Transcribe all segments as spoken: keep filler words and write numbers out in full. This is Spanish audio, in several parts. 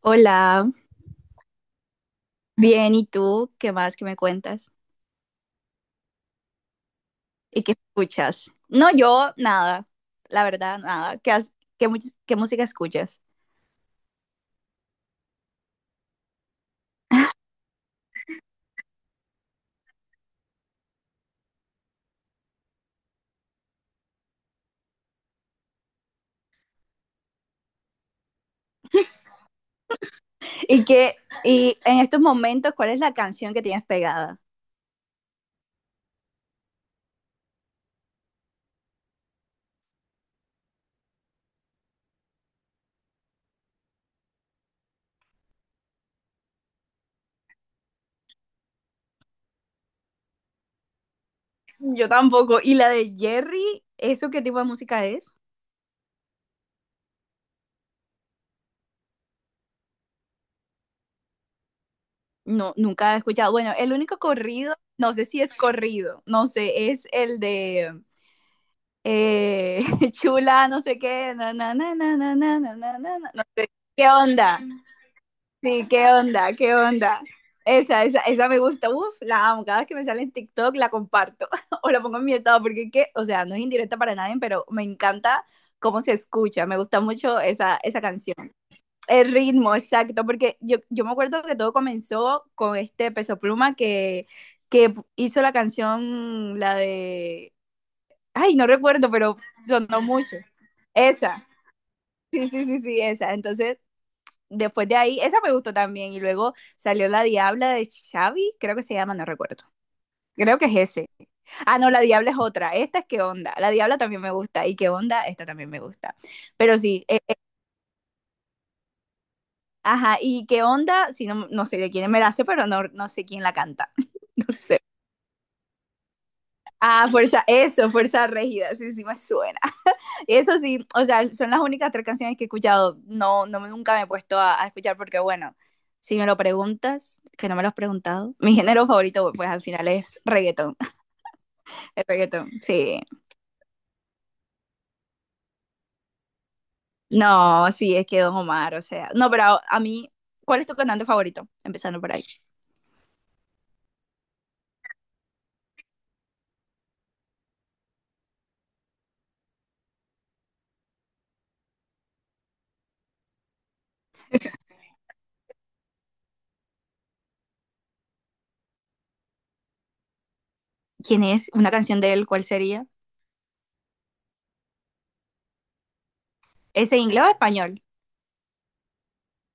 Hola, bien, ¿y tú? ¿Qué más que me cuentas? ¿Y qué escuchas? No, yo nada, la verdad, nada. ¿Qué, has- qué, mu- qué música escuchas? ¿Y qué, y en estos momentos, ¿cuál es la canción que tienes pegada? Yo tampoco. ¿Y la de Jerry? ¿Eso qué tipo de música es? No, nunca he escuchado. Bueno, el único corrido, no sé si es corrido, no sé, es el de eh, Chula, no sé qué, na, na, na, na, na, na, na, na, na, no sé. ¿Qué onda? Sí, qué onda, qué onda. Esa, esa, esa me gusta. Uf, la amo. Cada vez que me sale en TikTok la comparto o la pongo en mi estado porque es que, o sea, no es indirecta para nadie, pero me encanta cómo se escucha. Me gusta mucho esa, esa canción. El ritmo, exacto, porque yo, yo me acuerdo que todo comenzó con este Peso Pluma que, que hizo la canción, la de, ay, no recuerdo, pero sonó mucho. Esa. Sí, sí, sí, sí, esa. Entonces, después de ahí, esa me gustó también. Y luego salió La Diabla de Xavi, creo que se llama, no recuerdo. Creo que es ese. Ah, no, La Diabla es otra. Esta es Qué Onda. La Diabla también me gusta. Y Qué Onda, esta también me gusta. Pero sí, eh, eh, ajá. Y Qué Onda, si no, no sé de quién me la hace, pero no, no sé quién la canta. No sé. Ah, Fuerza, eso, Fuerza Régida. Sí, sí, me suena. Eso sí, o sea, son las únicas tres canciones que he escuchado. No, no nunca me he puesto a, a escuchar porque, bueno, si me lo preguntas, que no me lo has preguntado, mi género favorito, pues al final es reggaetón. El reggaetón, sí. No, sí, es que Don Omar, o sea. No, pero a, a mí, ¿cuál es tu cantante favorito? Empezando por ahí. ¿Quién es? ¿Una canción de él? ¿Cuál sería? ¿Es en inglés o español?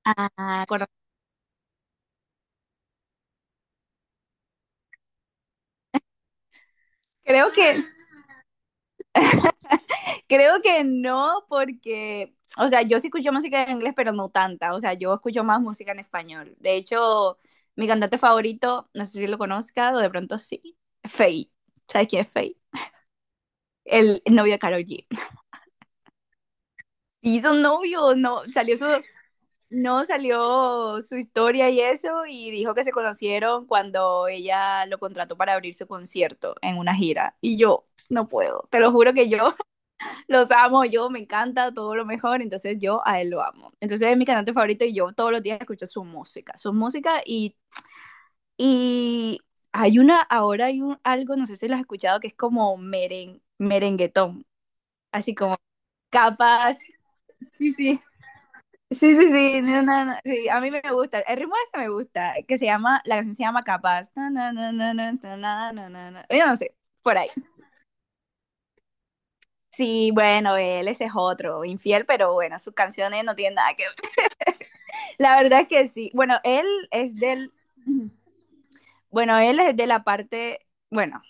Ah, correcto. Creo que Creo que no, porque, o sea, yo sí escucho música en inglés, pero no tanta. O sea, yo escucho más música en español. De hecho, mi cantante favorito, no sé si lo conozca o de pronto sí, Faye. ¿Sabes quién es Faye? El novio de Karol G. Hizo un novio, no, salió su, no salió su historia y eso, y dijo que se conocieron cuando ella lo contrató para abrir su concierto en una gira. Y yo no puedo, te lo juro que yo los amo, yo me encanta todo lo mejor, entonces yo a él lo amo. Entonces es mi cantante favorito y yo todos los días escucho su música, su música y, y hay una, ahora hay un, algo, no sé si lo has escuchado, que es como meren, merenguetón, así como capas, sí, sí, sí, sí, sí, no, no, no, sí, a mí me gusta, el ritmo ese me gusta, que se llama, la canción se llama capas, na, na, na, na, na, na, na, na, na, na. Yo no sé, por ahí. Sí, bueno, él ese es otro, infiel, pero bueno, sus canciones no tienen nada que. La verdad que sí. Bueno, él es del, bueno, él es de la parte, bueno,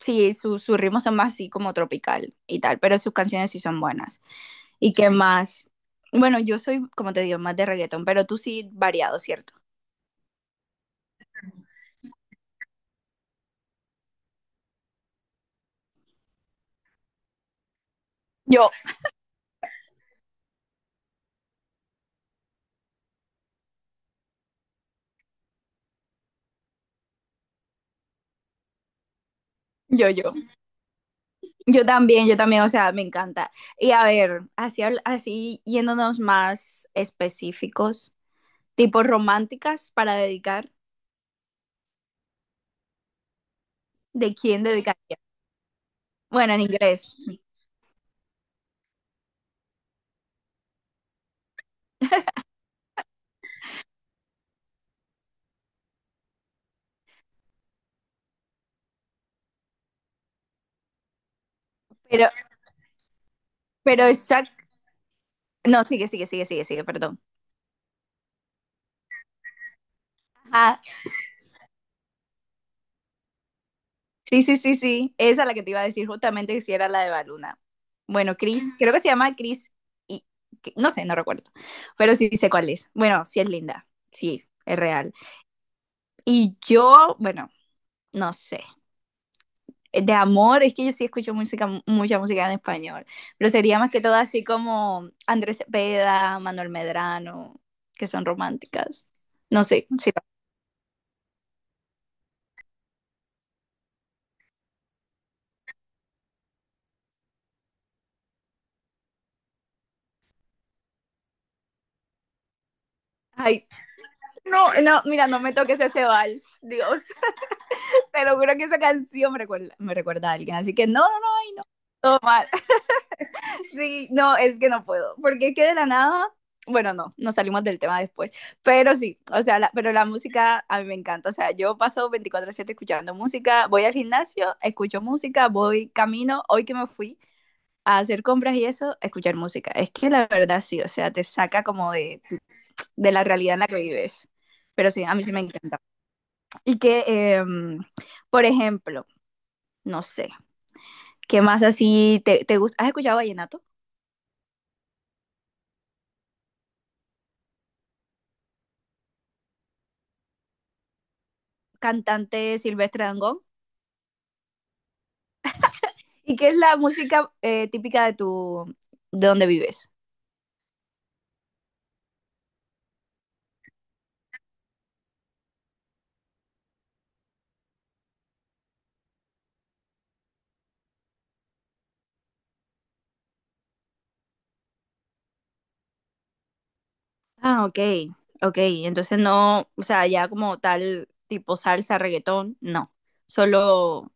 sí, sus su sus ritmos son más así como tropical y tal, pero sus canciones sí son buenas. ¿Y qué más? Bueno, yo soy, como te digo, más de reggaetón, pero tú sí variado, ¿cierto? Yo, yo, yo. Yo también, yo también, o sea, me encanta. Y a ver, así, habl- así yéndonos más específicos, tipo románticas para dedicar, ¿de quién dedicaría? Bueno, en inglés. Pero, pero exacto. No, sigue, sigue, sigue, sigue, sigue, perdón. Ajá. Sí, sí, sí, sí. Esa es la que te iba a decir justamente que si era la de Baluna. Bueno, Chris, creo que se llama Chris y que- no sé, no recuerdo. Pero sí sé cuál es. Bueno, sí es linda. Sí, es real. Y yo, bueno, no sé. De amor, es que yo sí escucho música, mucha música en español. Pero sería más que todo así como Andrés Cepeda, Manuel Medrano, que son románticas. No sé. Sí. Ay, no, no, mira, no me toques ese vals. Dios. Te lo juro que esa canción me recuerda, me recuerda a alguien, así que no, no, no, ay, no. Sí, no, es que no puedo, porque es que de la nada, bueno, no, nos salimos del tema después, pero sí, o sea, la- pero la música a mí me encanta, o sea, yo paso veinticuatro siete escuchando música, voy al gimnasio, escucho música, voy camino, hoy que me fui a hacer compras y eso, escuchar música. Es que la verdad sí, o sea, te saca como de, de la realidad en la que vives. Pero sí, a mí sí me encanta. Y que, em, por ejemplo, no sé, ¿qué más así te, te gusta? ¿Has escuchado Vallenato? Cantante Silvestre Dangond. ¿Y qué es la música eh, típica de tu, de donde vives? Ah, ok, ok. Entonces no, o sea, ya como tal tipo salsa, reggaetón, no. Solo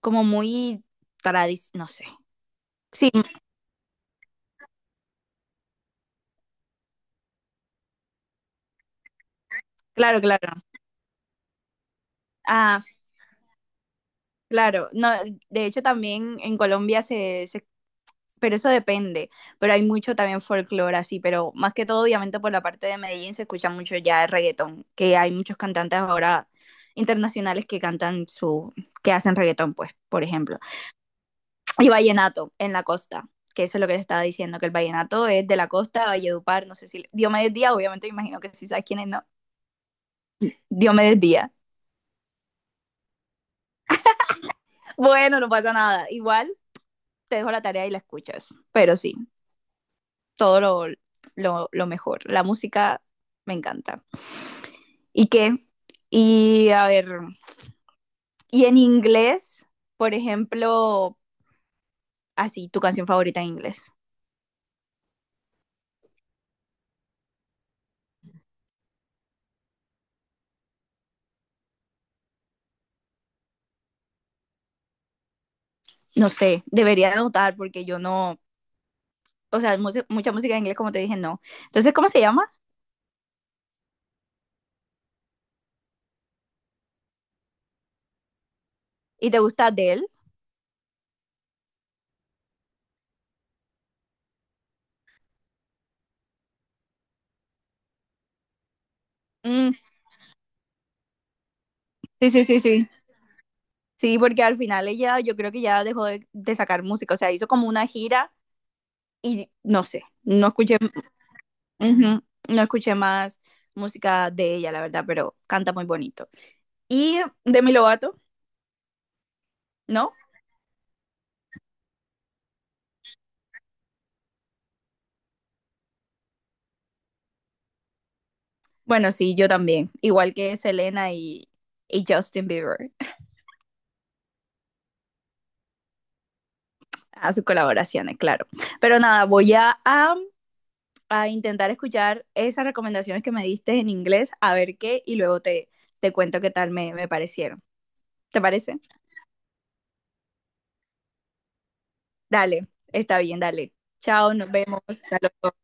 como muy tradicional, no sé. Sí, claro, claro. Ah, claro. No, de hecho también en Colombia se, se, pero eso depende. Pero hay mucho también folclore así, pero más que todo, obviamente, por la parte de Medellín se escucha mucho ya el reggaetón, que hay muchos cantantes ahora internacionales que cantan su, que hacen reggaetón, pues, por ejemplo. Y vallenato en la costa, que eso es lo que les estaba diciendo, que el vallenato es de la costa, Valledupar, no sé si, Diomedes Díaz, obviamente, me imagino que sí sabes quién es, ¿no? Diomedes Díaz. Bueno, no pasa nada, igual te dejo la tarea y la escuchas, pero sí, todo lo, lo, lo mejor. La música me encanta. ¿Y qué? Y a ver, y en inglés, por ejemplo, así, tu canción favorita en inglés. No sé, debería anotar porque yo no, o sea, mu- mucha música en inglés, como te dije, no. Entonces, ¿cómo se llama? ¿Y te gusta Adele? Mm, sí, sí, sí, sí. Sí, porque al final ella, yo creo que ya dejó de, de sacar música, o sea, hizo como una gira y no sé, no escuché, ujú, no escuché más música de ella, la verdad, pero canta muy bonito. Y Demi Lovato, ¿no? Bueno, sí, yo también. Igual que Selena y, y Justin Bieber, a sus colaboraciones, claro. Pero nada, voy a, a, a intentar escuchar esas recomendaciones que me diste en inglés, a ver qué, y luego te, te cuento qué tal me, me parecieron. ¿Te parece? Dale, está bien, dale. Chao, nos vemos. Hasta luego.